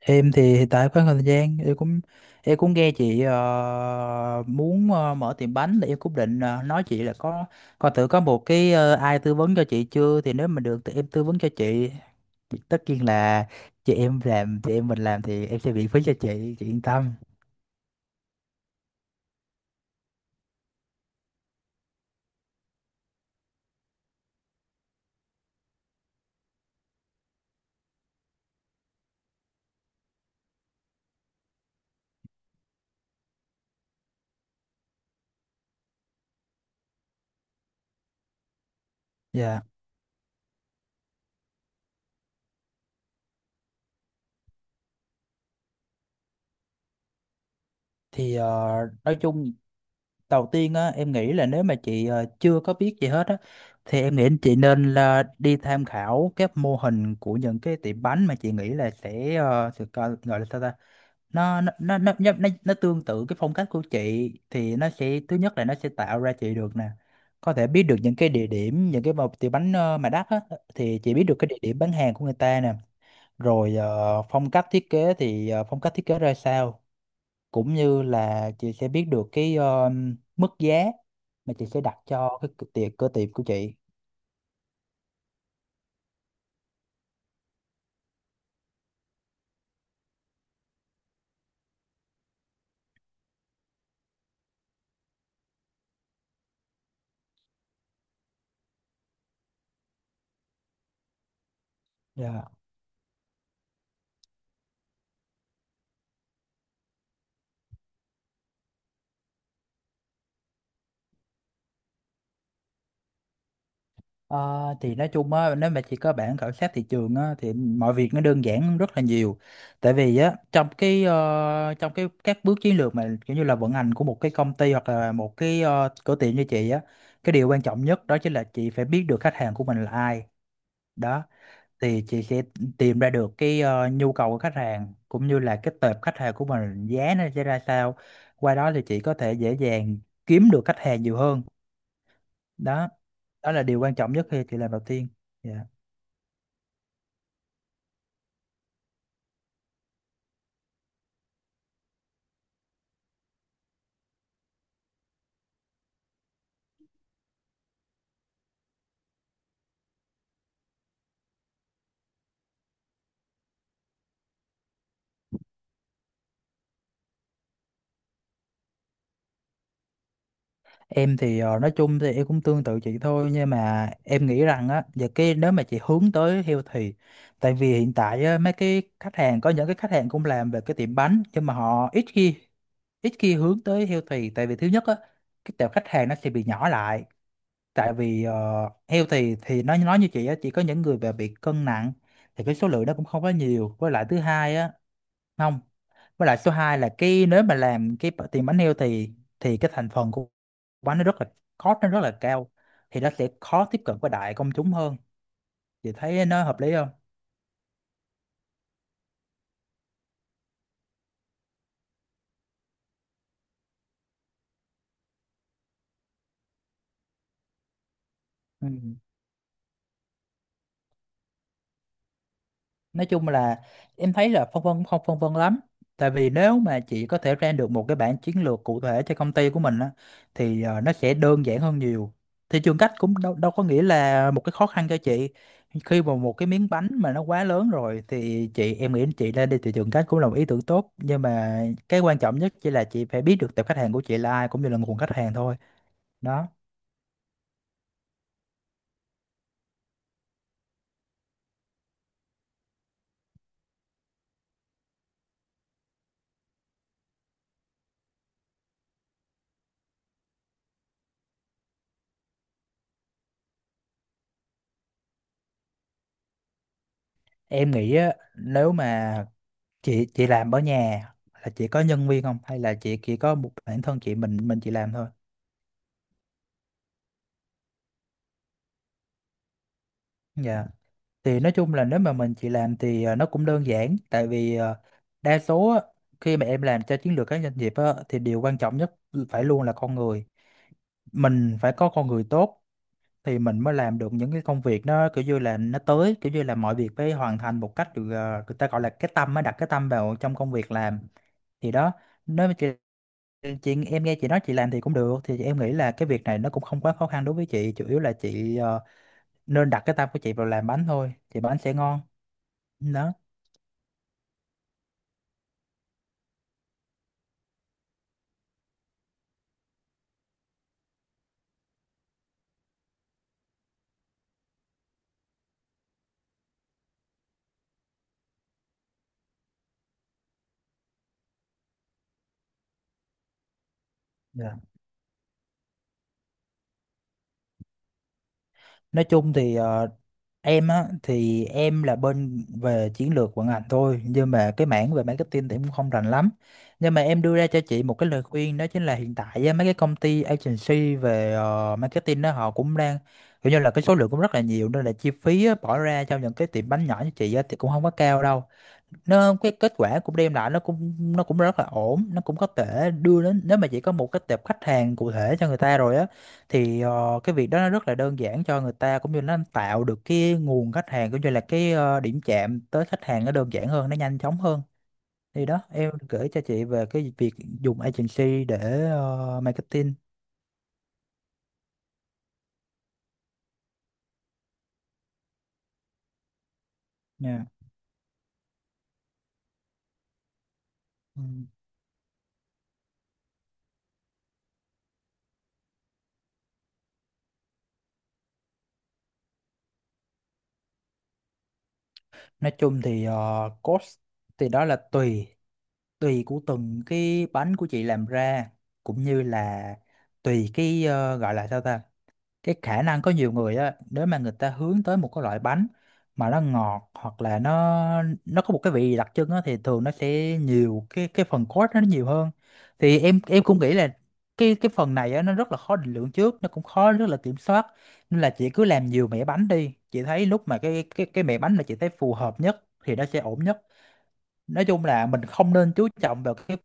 Em thì hiện tại có thời gian, em cũng nghe chị muốn mở tiệm bánh thì em cũng định nói chị là có coi thử có một cái ai tư vấn cho chị chưa, thì nếu mà được thì em tư vấn cho chị. Tất nhiên là chị em mình làm thì em sẽ miễn phí cho chị yên tâm. Dạ. Thì ờ, nói chung đầu tiên á, em nghĩ là nếu mà chị chưa có biết gì hết á, thì em nghĩ chị nên là đi tham khảo các mô hình của những cái tiệm bánh mà chị nghĩ là sẽ ờ, sự co- gọi là sao ta nó tương tự cái phong cách của chị, thì nó sẽ thứ nhất là nó sẽ tạo ra chị được nè, có thể biết được những cái địa điểm, những cái mà tiệm bánh mà đắt á, thì chị biết được cái địa điểm bán hàng của người ta nè, rồi phong cách thiết kế thì phong cách thiết kế ra sao, cũng như là chị sẽ biết được cái mức giá mà chị sẽ đặt cho cái cửa tiệc của chị. Dạ. Ờ, thì nói chung á, nếu mà chị có bản khảo sát thị trường á, thì mọi việc nó đơn giản hơn rất là nhiều, tại vì á, trong cái các bước chiến lược mà kiểu như là vận hành của một cái công ty hoặc là một cái cửa tiệm như chị á, cái điều quan trọng nhất đó chính là chị phải biết được khách hàng của mình là ai. Đó, thì chị sẽ tìm ra được cái nhu cầu của khách hàng, cũng như là cái tệp khách hàng của mình giá nó sẽ ra sao, qua đó thì chị có thể dễ dàng kiếm được khách hàng nhiều hơn. Đó đó là điều quan trọng nhất khi chị làm đầu tiên. Dạ. Em thì nói chung thì em cũng tương tự chị thôi, nhưng mà em nghĩ rằng á, và cái nếu mà chị hướng tới healthy, tại vì hiện tại á, mấy cái khách hàng có những cái khách hàng cũng làm về cái tiệm bánh nhưng mà họ ít khi hướng tới healthy, tại vì thứ nhất á, cái tệp khách hàng nó sẽ bị nhỏ lại, tại vì heo thì nó nói như chị á, chỉ có những người mà bị cân nặng thì cái số lượng nó cũng không có nhiều. Với lại thứ hai á, không với lại số 2 là cái nếu mà làm tiền bánh heo thì cái thành phần của bánh nó rất là, cost nó rất là cao, thì nó sẽ khó tiếp cận với đại công chúng hơn. Chị thấy nó hợp lý không? Ừ. Nói chung là em thấy là phân vân không phân vân lắm, tại vì nếu mà chị có thể ra được một cái bản chiến lược cụ thể cho công ty của mình á, thì nó sẽ đơn giản hơn nhiều. Thị trường cách cũng đâu có nghĩa là một cái khó khăn cho chị, khi mà một cái miếng bánh mà nó quá lớn rồi thì em nghĩ chị lên đi thị trường cách cũng là một ý tưởng tốt, nhưng mà cái quan trọng nhất chỉ là chị phải biết được tập khách hàng của chị là ai, cũng như là nguồn khách hàng thôi. Đó. Em nghĩ á, nếu mà chị làm ở nhà, là chị có nhân viên không hay là chị chỉ có một bản thân chị, mình chị làm thôi? Dạ, thì nói chung là nếu mà mình chị làm thì nó cũng đơn giản, tại vì đa số á, khi mà em làm cho chiến lược các doanh nghiệp á, thì điều quan trọng nhất phải luôn là con người. Mình phải có con người tốt thì mình mới làm được những cái công việc nó kiểu như là nó tới, kiểu như là mọi việc phải hoàn thành một cách được, người ta gọi là cái tâm, mới đặt cái tâm vào trong công việc làm. Thì đó, nếu mà chị em nghe chị nói chị làm thì cũng được, thì em nghĩ là cái việc này nó cũng không quá khó khăn đối với chị, chủ yếu là chị nên đặt cái tâm của chị vào làm bánh thôi thì bánh sẽ ngon. Đó. Dạ. Nói chung thì em á, thì em là bên về chiến lược vận hành thôi, nhưng mà cái mảng về marketing thì em cũng không rành lắm. Nhưng mà em đưa ra cho chị một cái lời khuyên, đó chính là hiện tại á, mấy cái công ty agency về marketing đó họ cũng đang kiểu như là cái số lượng cũng rất là nhiều, nên là chi phí á, bỏ ra cho những cái tiệm bánh nhỏ như chị á, thì cũng không có cao đâu. Nó cái kết quả cũng đem lại nó cũng rất là ổn, nó cũng có thể đưa đến nếu mà chỉ có một cái tệp khách hàng cụ thể cho người ta rồi á, thì cái việc đó nó rất là đơn giản cho người ta, cũng như nó tạo được cái nguồn khách hàng cũng như là cái điểm chạm tới khách hàng nó đơn giản hơn, nó nhanh chóng hơn. Thì đó, em gửi cho chị về cái việc dùng agency để marketing nha. Ừ. Nói chung thì cost thì đó là tùy, tùy của từng cái bánh của chị làm ra, cũng như là tùy cái ờ, gọi là sao ta cái khả năng có nhiều người á, nếu mà người ta hướng tới một cái loại bánh mà nó ngọt, hoặc là nó có một cái vị gì đặc trưng á, thì thường nó sẽ nhiều cái phần cốt nó nhiều hơn. Thì em cũng nghĩ là cái phần này á nó rất là khó định lượng trước, nó cũng khó rất là kiểm soát. Nên là chị cứ làm nhiều mẻ bánh đi, chị thấy lúc mà cái mẻ bánh mà chị thấy phù hợp nhất thì nó sẽ ổn nhất. Nói chung là mình không nên chú trọng vào cái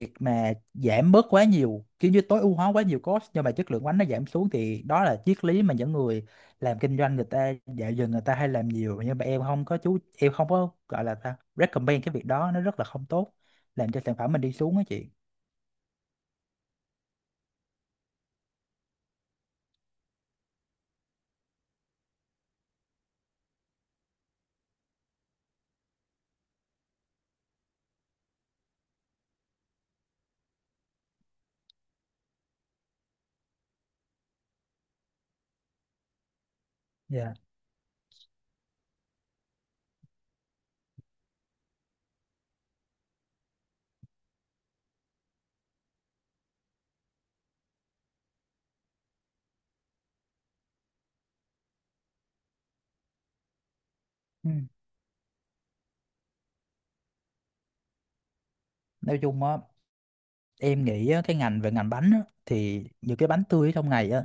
việc mà giảm bớt quá nhiều, kiểu như tối ưu hóa quá nhiều cost nhưng mà chất lượng bánh nó giảm xuống, thì đó là triết lý mà những người làm kinh doanh người ta dạo giờ người ta hay làm nhiều, nhưng mà em không có chú em không có gọi là ta recommend cái việc đó, nó rất là không tốt, làm cho sản phẩm mình đi xuống á chị. Dạ. Ừ. Nói chung á, em nghĩ á, cái ngành về ngành bánh á, thì những cái bánh tươi ở trong này á,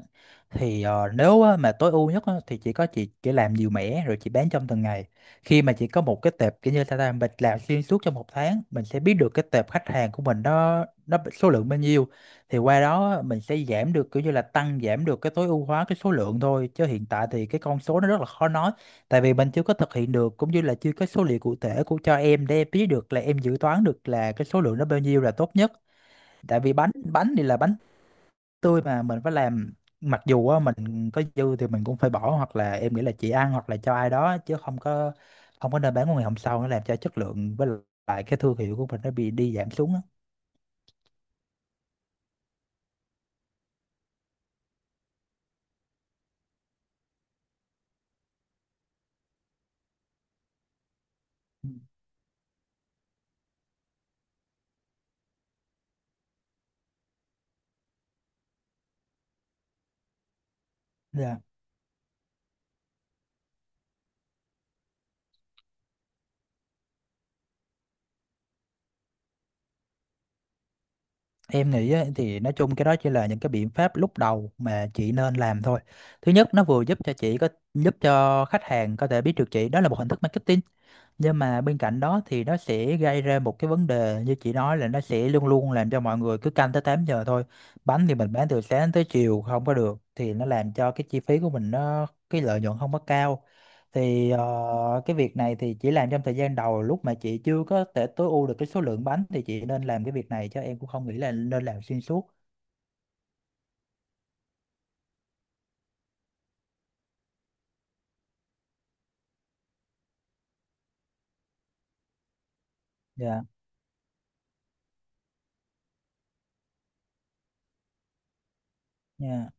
thì nếu á, mà tối ưu nhất á, thì chỉ có chị chỉ làm nhiều mẻ rồi chị bán trong từng ngày. Khi mà chị có một cái tệp kiểu như ta làm, mình làm xuyên suốt trong một tháng, mình sẽ biết được cái tệp khách hàng của mình đó số lượng bao nhiêu, thì qua đó á, mình sẽ giảm được kiểu như là tăng giảm được cái tối ưu hóa cái số lượng thôi, chứ hiện tại thì cái con số nó rất là khó nói, tại vì mình chưa có thực hiện được cũng như là chưa có số liệu cụ thể của cho em, để em biết được là em dự toán được là cái số lượng nó bao nhiêu là tốt nhất. Tại vì bánh bánh thì là bánh tươi mà mình phải làm, mặc dù á, mình có dư thì mình cũng phải bỏ, hoặc là em nghĩ là chị ăn hoặc là cho ai đó, chứ không có nên bán qua ngày hôm sau, nó làm cho chất lượng với lại cái thương hiệu của mình nó bị đi giảm xuống á. Nên em nghĩ á, thì nói chung cái đó chỉ là những cái biện pháp lúc đầu mà chị nên làm thôi. Thứ nhất nó vừa giúp cho khách hàng có thể biết được chị, đó là một hình thức marketing. Nhưng mà bên cạnh đó thì nó sẽ gây ra một cái vấn đề như chị nói, là nó sẽ luôn luôn làm cho mọi người cứ canh tới 8 giờ thôi. Bánh thì mình bán từ sáng tới chiều không có được, thì nó làm cho cái chi phí của mình, nó cái lợi nhuận không có cao. Thì cái việc này thì chỉ làm trong thời gian đầu, lúc mà chị chưa có thể tối ưu được cái số lượng bánh thì chị nên làm cái việc này, chứ em cũng không nghĩ là nên làm xuyên suốt. Dạ. Dạ.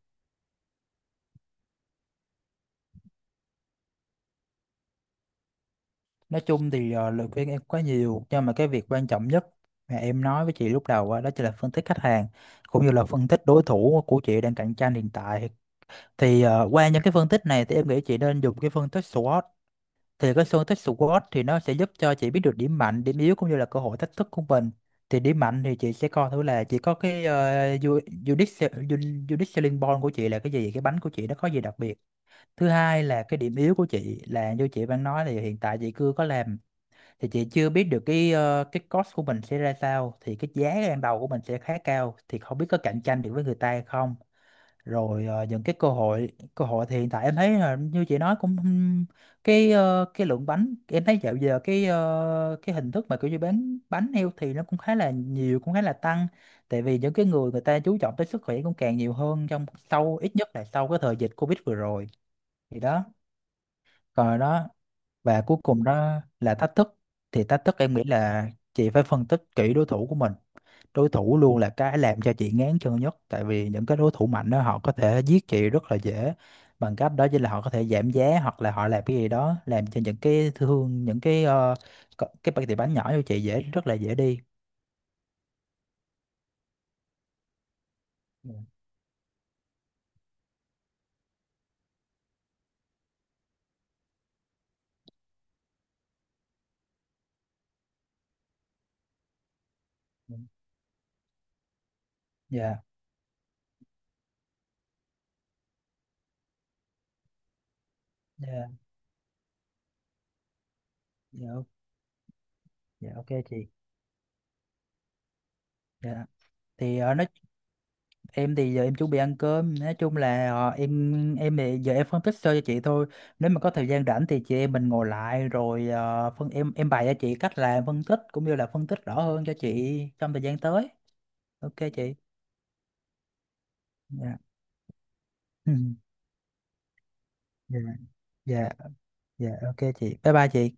Nói chung thì lời khuyên em có nhiều, nhưng mà cái việc quan trọng nhất mà em nói với chị lúc đầu á, đó chính là phân tích khách hàng, cũng như là phân tích đối thủ của chị đang cạnh tranh hiện tại. Thì qua những cái phân tích này thì em nghĩ chị nên dùng cái phân tích SWOT. Thì cái phân tích SWOT thì nó sẽ giúp cho chị biết được điểm mạnh, điểm yếu cũng như là cơ hội thách thức của mình. Thì điểm mạnh thì chị sẽ coi thử là chị có cái uh, unique selling point của chị là cái gì, cái bánh của chị nó có gì đặc biệt. Thứ hai là cái điểm yếu của chị là như chị đang nói, thì hiện tại chị chưa có làm, thì chị chưa biết được cái cái cost của mình sẽ ra sao, thì cái giá ban đầu của mình sẽ khá cao, thì không biết có cạnh tranh được với người ta hay không. Rồi những cái cơ hội thì hiện tại em thấy là như chị nói, cũng cái cái lượng bánh em thấy dạo giờ cái cái hình thức mà kiểu như bán bánh heo thì nó cũng khá là nhiều, cũng khá là tăng, tại vì những cái người người ta chú trọng tới sức khỏe cũng càng nhiều hơn, trong sau ít nhất là sau cái thời dịch Covid vừa rồi. Thì đó, còn đó, và cuối cùng đó là thách thức. Thì thách thức em nghĩ là chị phải phân tích kỹ đối thủ của mình. Đối thủ luôn là cái làm cho chị ngán chân nhất, tại vì những cái đối thủ mạnh đó họ có thể giết chị rất là dễ, bằng cách đó chỉ là họ có thể giảm giá hoặc là họ làm cái gì đó, làm cho những cái thương những cái ờ, co- cái tiệm bánh nhỏ cho chị dễ, rất là dễ đi. Dạ. Dạ. Dạ. Dạ, ok. Dạ, ok chị. Dạ, thì ờ, nói em thì giờ em chuẩn bị ăn cơm. Nói chung là em thì giờ em phân tích sơ cho chị thôi, nếu mà có thời gian rảnh thì chị em mình ngồi lại rồi ờ, phân em bày cho chị cách làm phân tích, cũng như là phân tích rõ hơn cho chị trong thời gian tới. Ok chị. Dạ. Ừ. Dạ. Dạ. Dạ, ok chị, bye bye chị.